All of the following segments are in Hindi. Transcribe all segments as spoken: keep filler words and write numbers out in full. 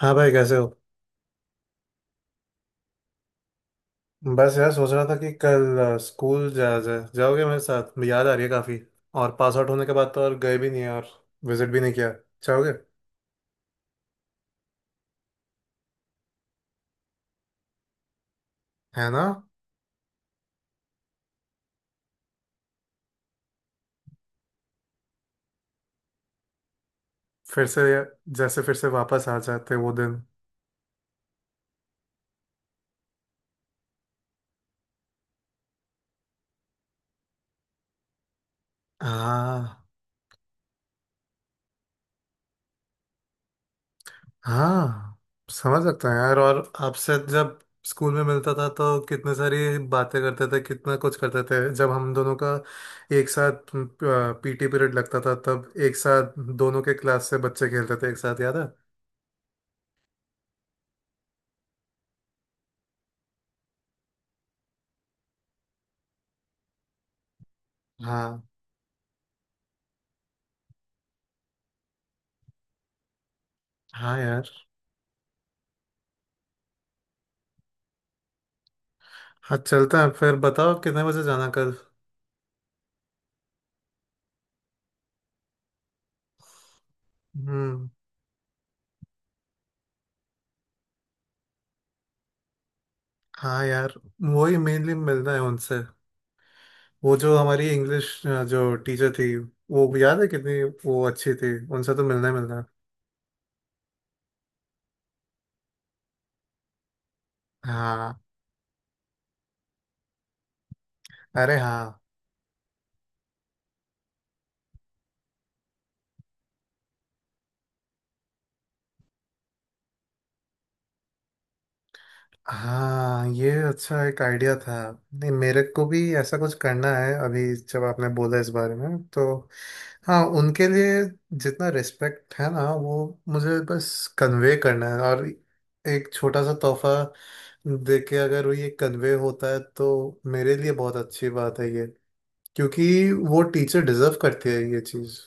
हाँ भाई, कैसे हो? बस यार, सोच रहा था कि कल अ, स्कूल जाया जाए। जाओगे मेरे साथ? याद आ रही है काफ़ी। और पास आउट होने के बाद तो और गए भी नहीं है, और विजिट भी नहीं किया। जाओगे? है ना। फिर से, जैसे फिर से वापस आ जाते वो दिन। हाँ, हाँ समझ सकता हूँ यार। और आपसे जब स्कूल में मिलता था तो कितने सारी बातें करते थे, कितना कुछ करते थे। जब हम दोनों का एक साथ पी टी पीरियड लगता था तब एक साथ दोनों के क्लास से बच्चे खेलते थे एक साथ, याद है? हाँ। हाँ यार। हाँ चलता है, फिर बताओ कितने बजे जाना कल। हम्म। हाँ यार, वही मेनली मिलना है उनसे। वो जो हमारी इंग्लिश जो टीचर थी, वो भी याद है कितनी वो अच्छी थी, उनसे तो मिलना ही मिलना है। हाँ। अरे हाँ। हाँ, ये अच्छा एक आइडिया था। नहीं, मेरे को भी ऐसा कुछ करना है, अभी जब आपने बोला इस बारे में तो। हाँ, उनके लिए जितना रिस्पेक्ट है ना, वो मुझे बस कन्वे करना है। और एक छोटा सा तोहफा दे के अगर वो ये कन्वे होता है तो मेरे लिए बहुत अच्छी बात है ये। क्योंकि वो टीचर डिजर्व करती है ये चीज़।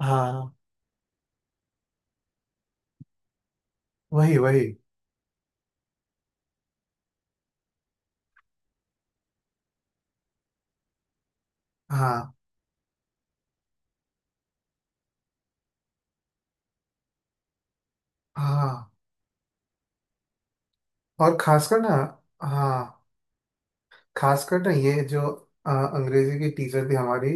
हाँ, वही वही। हाँ। हाँ, और खासकर ना। हाँ, खासकर ना ये जो अ, अंग्रेजी की टीचर थी हमारी।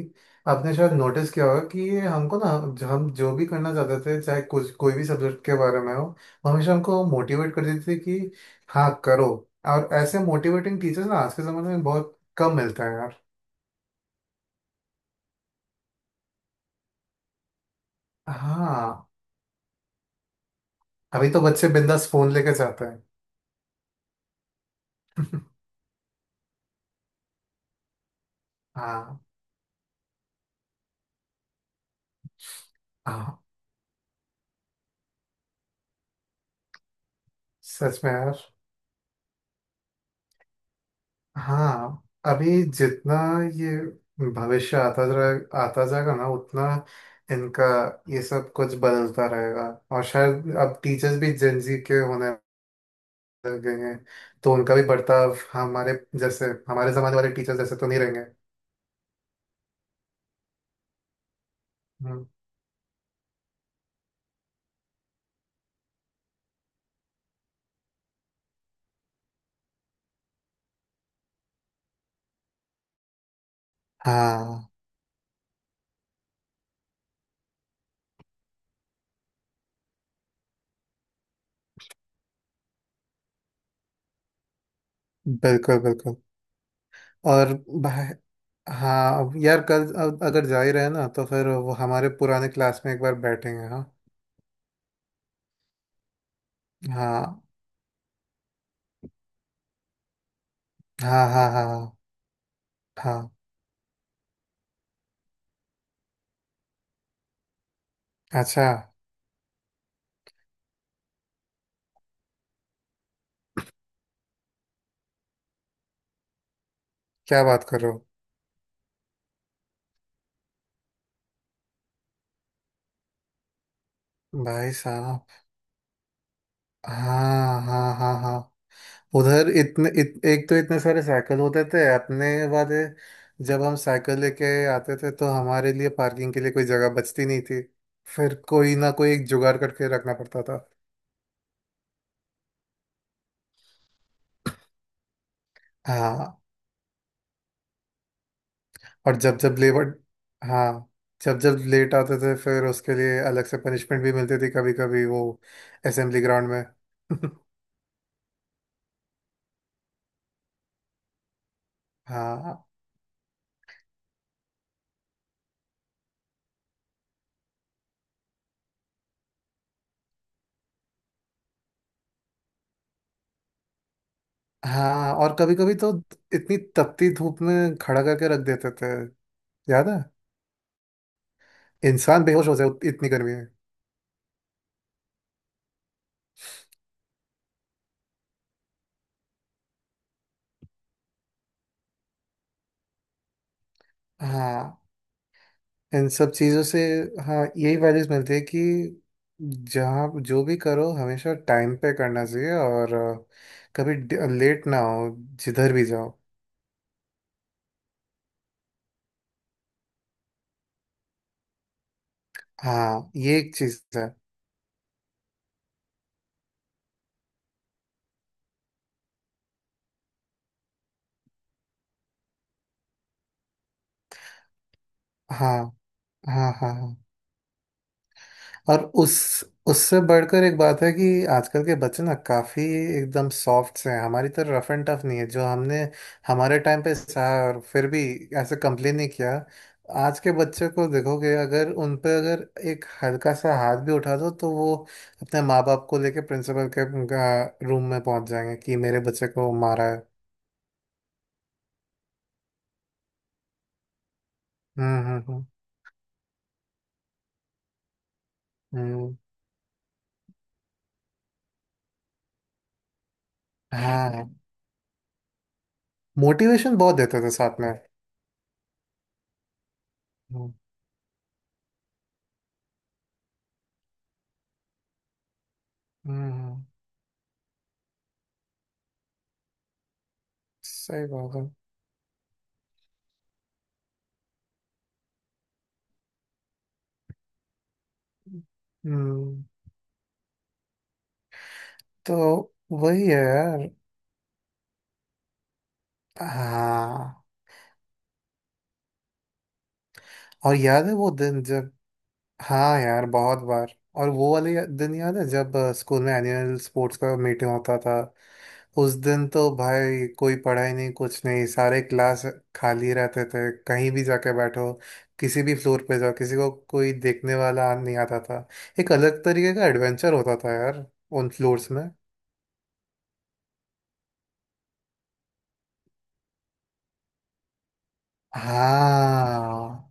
आपने शायद नोटिस किया होगा कि ये हमको ना, जो हम जो भी करना चाहते थे, चाहे कुछ कोई भी सब्जेक्ट के बारे में हो, वो हमेशा हमको मोटिवेट कर देती थी कि हाँ करो। और ऐसे मोटिवेटिंग टीचर्स ना आज के ज़माने में बहुत कम मिलते हैं यार। हाँ, अभी तो बच्चे बिंदास फोन लेके जाते हैं। हाँ, हाँ, सच में यार। हाँ, अभी जितना ये भविष्य आता जा आता जाएगा ना, उतना इनका ये सब कुछ बदलता रहेगा। और शायद अब टीचर्स भी जेंजी के होने लग गए हैं, तो उनका भी बर्ताव हमारे, जैसे हमारे जमाने वाले टीचर्स जैसे तो नहीं रहेंगे। हम्म। हाँ, बिल्कुल बिल्कुल। और भाई, हाँ अब यार कल अब अगर जा ही रहे ना तो फिर वो हमारे पुराने क्लास में एक बार बैठेंगे। हाँ, हाँ, हाँ, हाँ, हाँ, हाँ। अच्छा, क्या बात कर रहे हो! भाई साहब! हाँ, हाँ, हाँ, हाँ। उधर इतने इत, एक तो इतने सारे साइकिल होते थे अपने वाले, जब हम साइकिल लेके आते थे तो हमारे लिए पार्किंग के लिए कोई जगह बचती नहीं थी। फिर कोई ना कोई एक जुगाड़ करके रखना पड़ता था। हाँ, और जब जब लेबर। हाँ, जब जब लेट आते थे, फिर उसके लिए अलग से पनिशमेंट भी मिलती थी कभी कभी, वो असेंबली ग्राउंड में। हाँ, हाँ, और कभी कभी तो इतनी तपती धूप में खड़ा करके रख देते थे, याद है? इंसान बेहोश हो जाए उत- इतनी गर्मी में। हाँ, इन सब चीजों से, हाँ यही वैल्यूज मिलती है कि जहाँ जो भी करो हमेशा टाइम पे करना चाहिए, और अ, कभी लेट ना हो जिधर भी जाओ। हाँ, ये एक चीज है। हाँ, हाँ, हाँ, हाँ। और उस, उससे बढ़कर एक बात है कि आजकल के बच्चे ना काफी एकदम सॉफ्ट से हैं, हमारी तरह रफ एंड टफ नहीं है। जो हमने हमारे टाइम पे सहा है, और फिर भी ऐसे कंप्लेन नहीं किया। आज के बच्चे को देखोगे, अगर उन पे अगर एक हल्का सा हाथ भी उठा दो तो वो अपने माँ बाप को लेके प्रिंसिपल के रूम में पहुंच जाएंगे कि मेरे बच्चे को मारा है। हम्म, हम्म। हम्म। हम्म, हाँ, मोटिवेशन बहुत देते थे साथ में। हम्म, हम्म, हम्म। सही बात है। हम्म। तो वही है यार। हाँ, और याद है वो दिन जब। हाँ यार, बहुत बार। और वो वाले या- दिन याद है जब अ, स्कूल में एनुअल स्पोर्ट्स का मीटिंग होता था? उस दिन तो भाई कोई पढ़ाई नहीं, कुछ नहीं, सारे क्लास खाली रहते थे, कहीं भी जाके बैठो, किसी भी फ्लोर पे जाओ, किसी को कोई देखने वाला नहीं आता था। एक अलग तरीके का एडवेंचर होता था यार उन फ्लोर्स में। हाँ,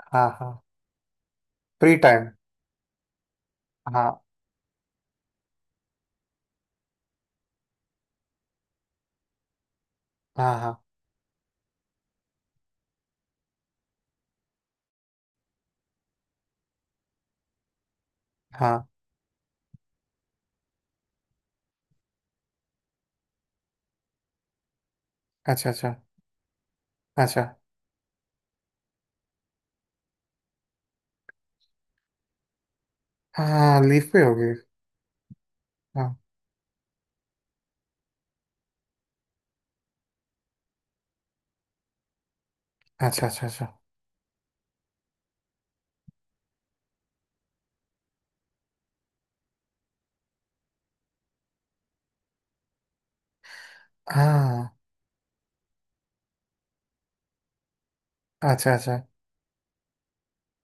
हाँ। हाँ, फ्री टाइम। हाँ, हाँ, हाँ, हाँ। अच्छा, अच्छा, अच्छा। हाँ, हाँ, लीफ पे होगी। हाँ। अच्छा, अच्छा, अच्छा। हाँ। अच्छा, अच्छा।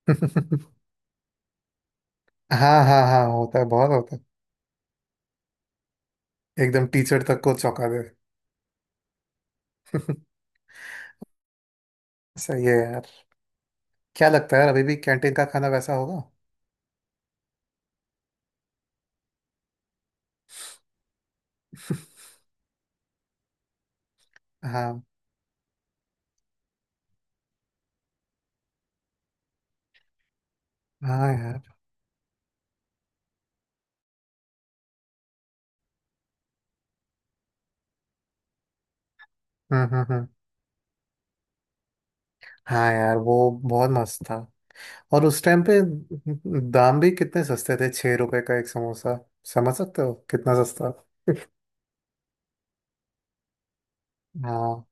हाँ, हाँ, हाँ, होता है, बहुत होता है, एकदम टीचर तक को चौंका दे। सही है यार। क्या लगता है यार, अभी भी कैंटीन का खाना वैसा होगा? हाँ। हाँ यार। हम्म, हम्म, हम्म। हाँ यार, वो बहुत मस्त था। और उस टाइम पे दाम भी कितने सस्ते थे, छह रुपए का एक समोसा, समझ सकते हो कितना सस्ता। हाँ।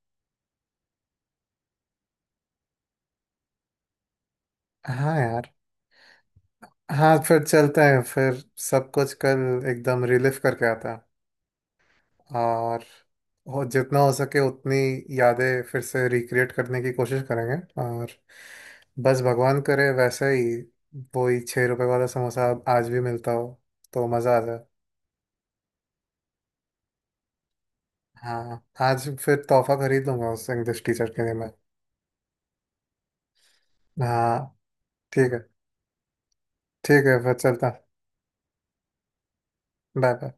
हाँ यार। हाँ फिर चलते हैं फिर, सब कुछ कल एकदम रिलीफ करके आता है। और हो जितना हो सके उतनी यादें फिर से रिक्रिएट करने की कोशिश करेंगे। और बस भगवान करे वैसे ही वो ही छः रुपए वाला समोसा अब आज भी मिलता हो तो मज़ा आ जाए। हाँ, आज फिर तोहफा खरीद लूंगा उस इंग्लिश टीचर के लिए मैं। हाँ। ठीक है, ठीक है फिर चलता। Bye, bye.